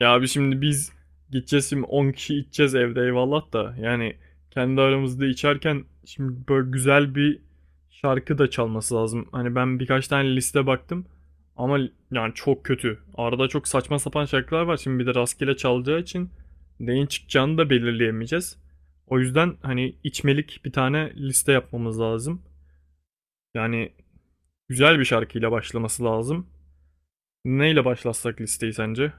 Ya abi şimdi biz gideceğiz şimdi 10 kişi içeceğiz evde eyvallah da yani kendi aramızda içerken şimdi böyle güzel bir şarkı da çalması lazım. Hani ben birkaç tane liste baktım ama yani çok kötü. Arada çok saçma sapan şarkılar var şimdi bir de rastgele çalacağı için neyin çıkacağını da belirleyemeyeceğiz. O yüzden hani içmelik bir tane liste yapmamız lazım. Yani güzel bir şarkıyla başlaması lazım. Neyle başlatsak listeyi sence?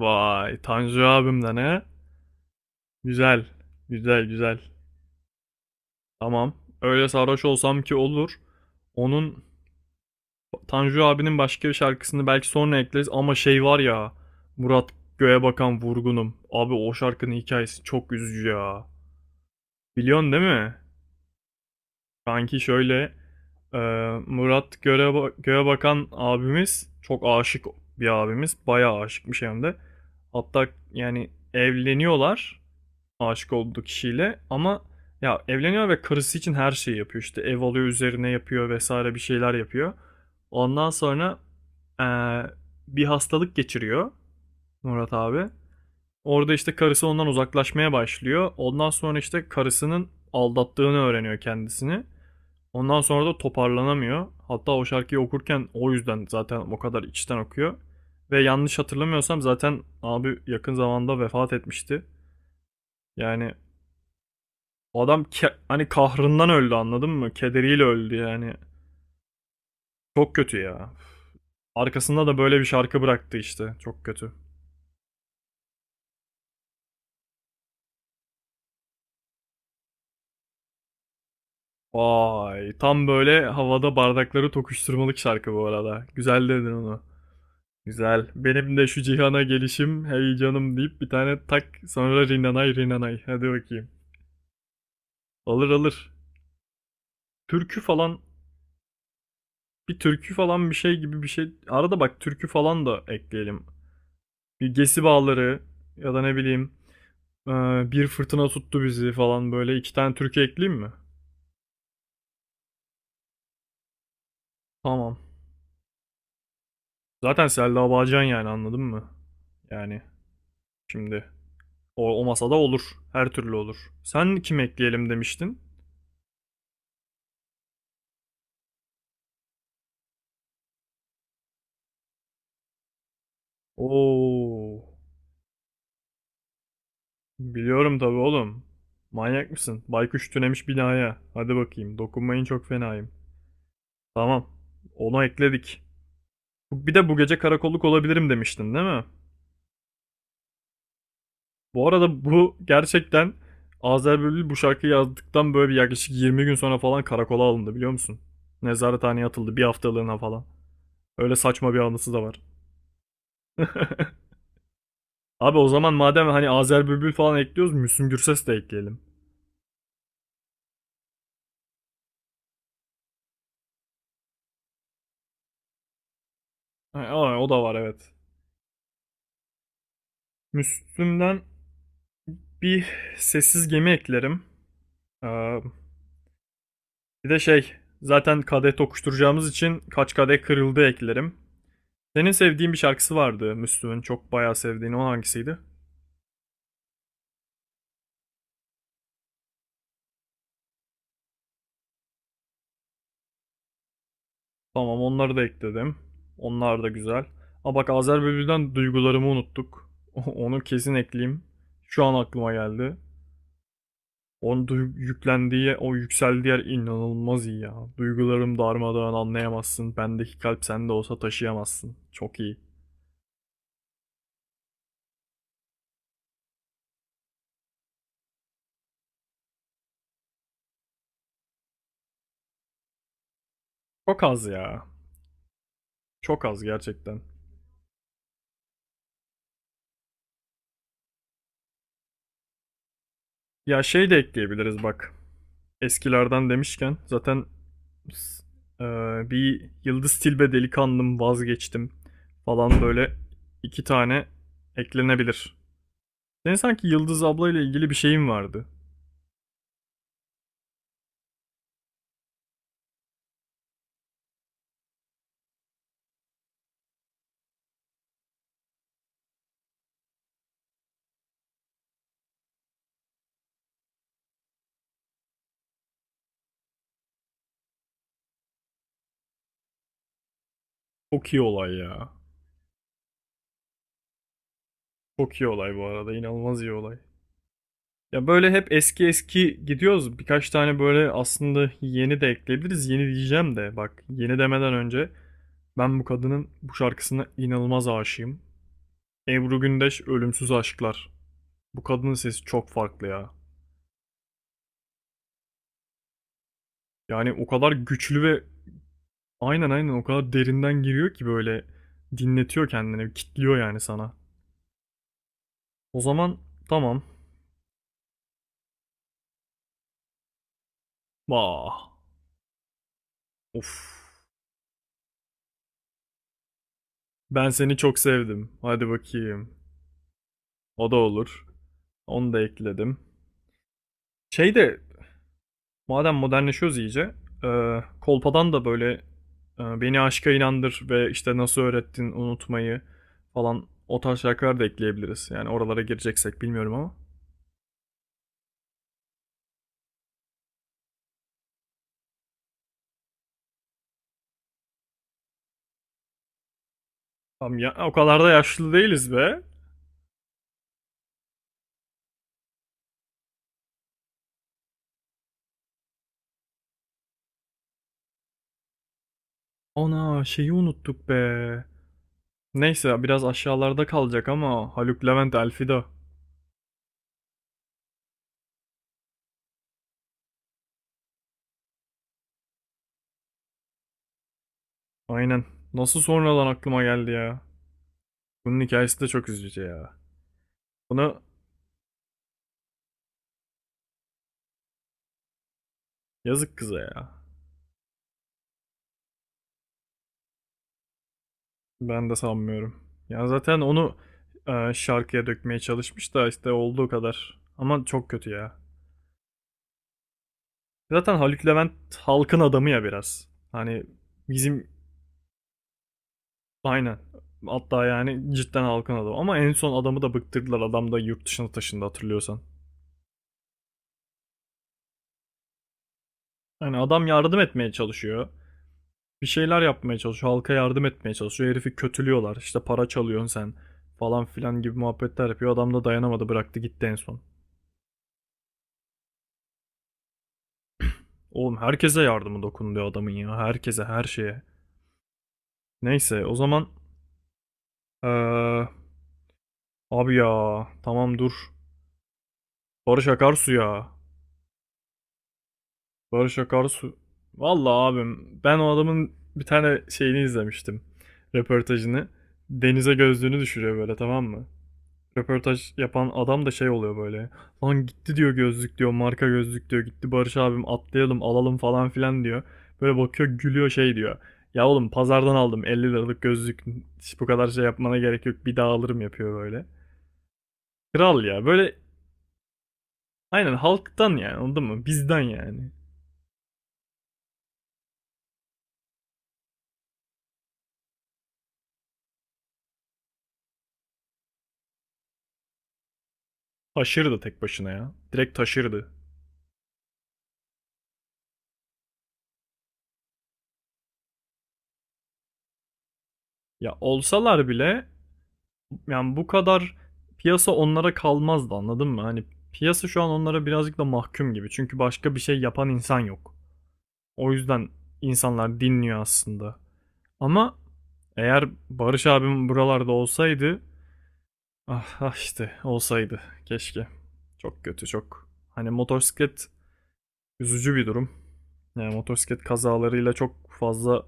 Vay Tanju abimden he? Güzel. Güzel güzel. Tamam. Öyle sarhoş olsam ki olur. Onun Tanju abinin başka bir şarkısını belki sonra ekleriz ama şey var ya Murat Göğe Bakan Vurgunum. Abi o şarkının hikayesi çok üzücü ya. Biliyorsun değil mi? Kanki şöyle e, Murat Göğe, Göğe Bakan abimiz çok aşık bir abimiz. Bayağı aşıkmış hem de. Hatta yani evleniyorlar. Aşık olduğu kişiyle ama ya evleniyor ve karısı için her şeyi yapıyor. İşte ev alıyor üzerine yapıyor vesaire bir şeyler yapıyor. Ondan sonra eee, bir hastalık geçiriyor Murat abi. Orada işte karısı ondan uzaklaşmaya başlıyor. Ondan sonra işte karısının aldattığını öğreniyor kendisini. Ondan sonra da toparlanamıyor. Hatta o şarkıyı okurken o yüzden zaten o kadar içten okuyor. Ve yanlış hatırlamıyorsam zaten abi yakın zamanda vefat etmişti. Yani adam hani kahrından öldü anladın mı? Kederiyle öldü yani. Çok kötü ya. Arkasında da böyle bir şarkı bıraktı işte. Çok kötü. Vay. Tam böyle havada bardakları tokuşturmalık şarkı bu arada. Güzel dedin onu. Güzel. Benim de şu cihana gelişim hey canım deyip bir tane tak sonra rinanay rinanay. Hadi bakayım. Alır alır. Türkü falan bir türkü falan bir şey gibi bir şey. Arada bak türkü falan da ekleyelim. Bir gesi bağları ya da ne bileyim. Ee, Bir fırtına tuttu bizi falan böyle iki tane türkü ekleyeyim mi? Tamam. Zaten Selda Bağcan yani anladın mı? Yani şimdi o masada olur. Her türlü olur. Sen kim ekleyelim demiştin? Oo, biliyorum tabii oğlum. Manyak mısın? Baykuş tünemiş binaya. Hadi bakayım. Dokunmayın çok fenayım. Tamam. Onu ekledik. Bir de bu gece karakolluk olabilirim demiştin değil mi? Bu arada bu gerçekten Azer Bülbül bu şarkıyı yazdıktan böyle bir yaklaşık 20 gün sonra falan karakola alındı biliyor musun? Nezarethaneye atıldı bir haftalığına falan. Öyle saçma bir anısı da var. Abi o zaman madem hani Azer Bülbül falan ekliyoruz Müslüm Gürses de ekleyelim. Aa, o da var evet. Müslüm'den bir sessiz gemi eklerim. Ee, Bir de şey zaten kadeh tokuşturacağımız için kaç kadeh kırıldı eklerim. Senin sevdiğin bir şarkısı vardı Müslüm'ün çok bayağı sevdiğin o hangisiydi? Tamam onları da ekledim. Onlar da güzel. Aa bak Azer Bülbül'den duygularımı unuttuk. Onu kesin ekleyeyim. Şu an aklıma geldi. Onun yüklendiği, o yükseldiği yer inanılmaz iyi ya. Duygularım darmadağın anlayamazsın. Bendeki kalp sende olsa taşıyamazsın. Çok iyi. Çok az ya. Çok az gerçekten. Ya şey de ekleyebiliriz bak. Eskilerden demişken zaten s- e, bir Yıldız Tilbe delikanlım vazgeçtim falan böyle iki tane eklenebilir. Senin sanki Yıldız ablayla ilgili bir şeyin vardı. Çok iyi olay ya. Çok iyi olay bu arada. İnanılmaz iyi olay. Ya böyle hep eski eski gidiyoruz. Birkaç tane böyle aslında yeni de ekleyebiliriz. Yeni diyeceğim de bak yeni demeden önce ben bu kadının bu şarkısına inanılmaz aşığım. Ebru Gündeş Ölümsüz Aşklar. Bu kadının sesi çok farklı ya. Yani o kadar güçlü ve aynen aynen o kadar derinden giriyor ki böyle dinletiyor kendini, kitliyor yani sana. O zaman tamam. Bah. Of. Ben seni çok sevdim. Hadi bakayım. O da olur. Onu da ekledim. Şey de madem modernleşiyoruz iyice, kolpadan da böyle beni aşka inandır ve işte nasıl öğrettin unutmayı falan o tarz şarkılar da ekleyebiliriz. Yani oralara gireceksek bilmiyorum ama. Tam ya, o kadar da yaşlı değiliz be. Ana şeyi unuttuk be. Neyse biraz aşağılarda kalacak ama Haluk Levent Elfida. Aynen. Nasıl sonradan aklıma geldi ya. Bunun hikayesi de çok üzücü ya. Buna yazık kıza ya. Ben de sanmıyorum. Ya zaten onu şarkıya dökmeye çalışmış da işte olduğu kadar. Ama çok kötü ya. Zaten Haluk Levent halkın adamı ya biraz. Hani bizim aynen. Hatta yani cidden halkın adamı. Ama en son adamı da bıktırdılar. Adam da yurt dışına taşındı hatırlıyorsan. Yani adam yardım etmeye çalışıyor. Bir şeyler yapmaya çalışıyor. Halka yardım etmeye çalışıyor. Herifi kötülüyorlar. İşte para çalıyorsun sen falan filan gibi muhabbetler yapıyor. Adam da dayanamadı bıraktı gitti en son. Oğlum herkese yardımı dokunuyor adamın ya. Herkese her şeye. Neyse o zaman eee, abi ya tamam dur. Barış Akarsu ya. Barış Akarsu. Vallahi abim ben o adamın bir tane şeyini izlemiştim. Röportajını. Denize gözlüğünü düşürüyor böyle tamam mı? Röportaj yapan adam da şey oluyor böyle. Lan gitti diyor gözlük diyor marka gözlük diyor gitti Barış abim atlayalım alalım falan filan diyor. Böyle bakıyor gülüyor şey diyor. Ya oğlum pazardan aldım 50 liralık gözlük hiç bu kadar şey yapmana gerek yok bir daha alırım yapıyor böyle. Kral ya böyle aynen halktan yani anladın mı bizden yani. Taşırdı tek başına ya direkt taşırdı. Ya olsalar bile yani bu kadar piyasa onlara kalmazdı anladın mı? Hani piyasa şu an onlara birazcık da mahkum gibi. Çünkü başka bir şey yapan insan yok. O yüzden insanlar dinliyor aslında. Ama eğer Barış abim buralarda olsaydı ah, ah işte olsaydı keşke. Çok kötü çok. Hani motosiklet üzücü bir durum. Yani motosiklet kazalarıyla çok fazla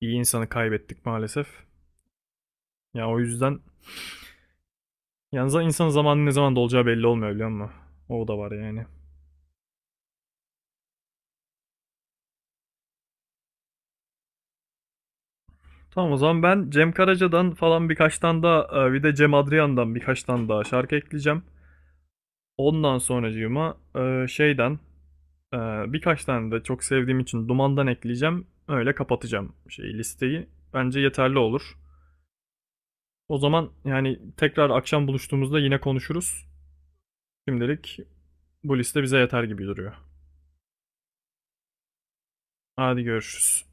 iyi insanı kaybettik maalesef. Ya o yüzden yalnız insan zamanı ne zaman dolacağı belli olmuyor biliyor musun? O da var yani. Tamam o zaman ben Cem Karaca'dan falan birkaç tane daha bir de Cem Adrian'dan birkaç tane daha şarkı ekleyeceğim. Ondan sonracığıma şeyden e, birkaç tane de çok sevdiğim için Duman'dan ekleyeceğim. Öyle kapatacağım şey listeyi. Bence yeterli olur. O zaman yani tekrar akşam buluştuğumuzda yine konuşuruz. Şimdilik bu liste bize yeter gibi duruyor. Hadi görüşürüz.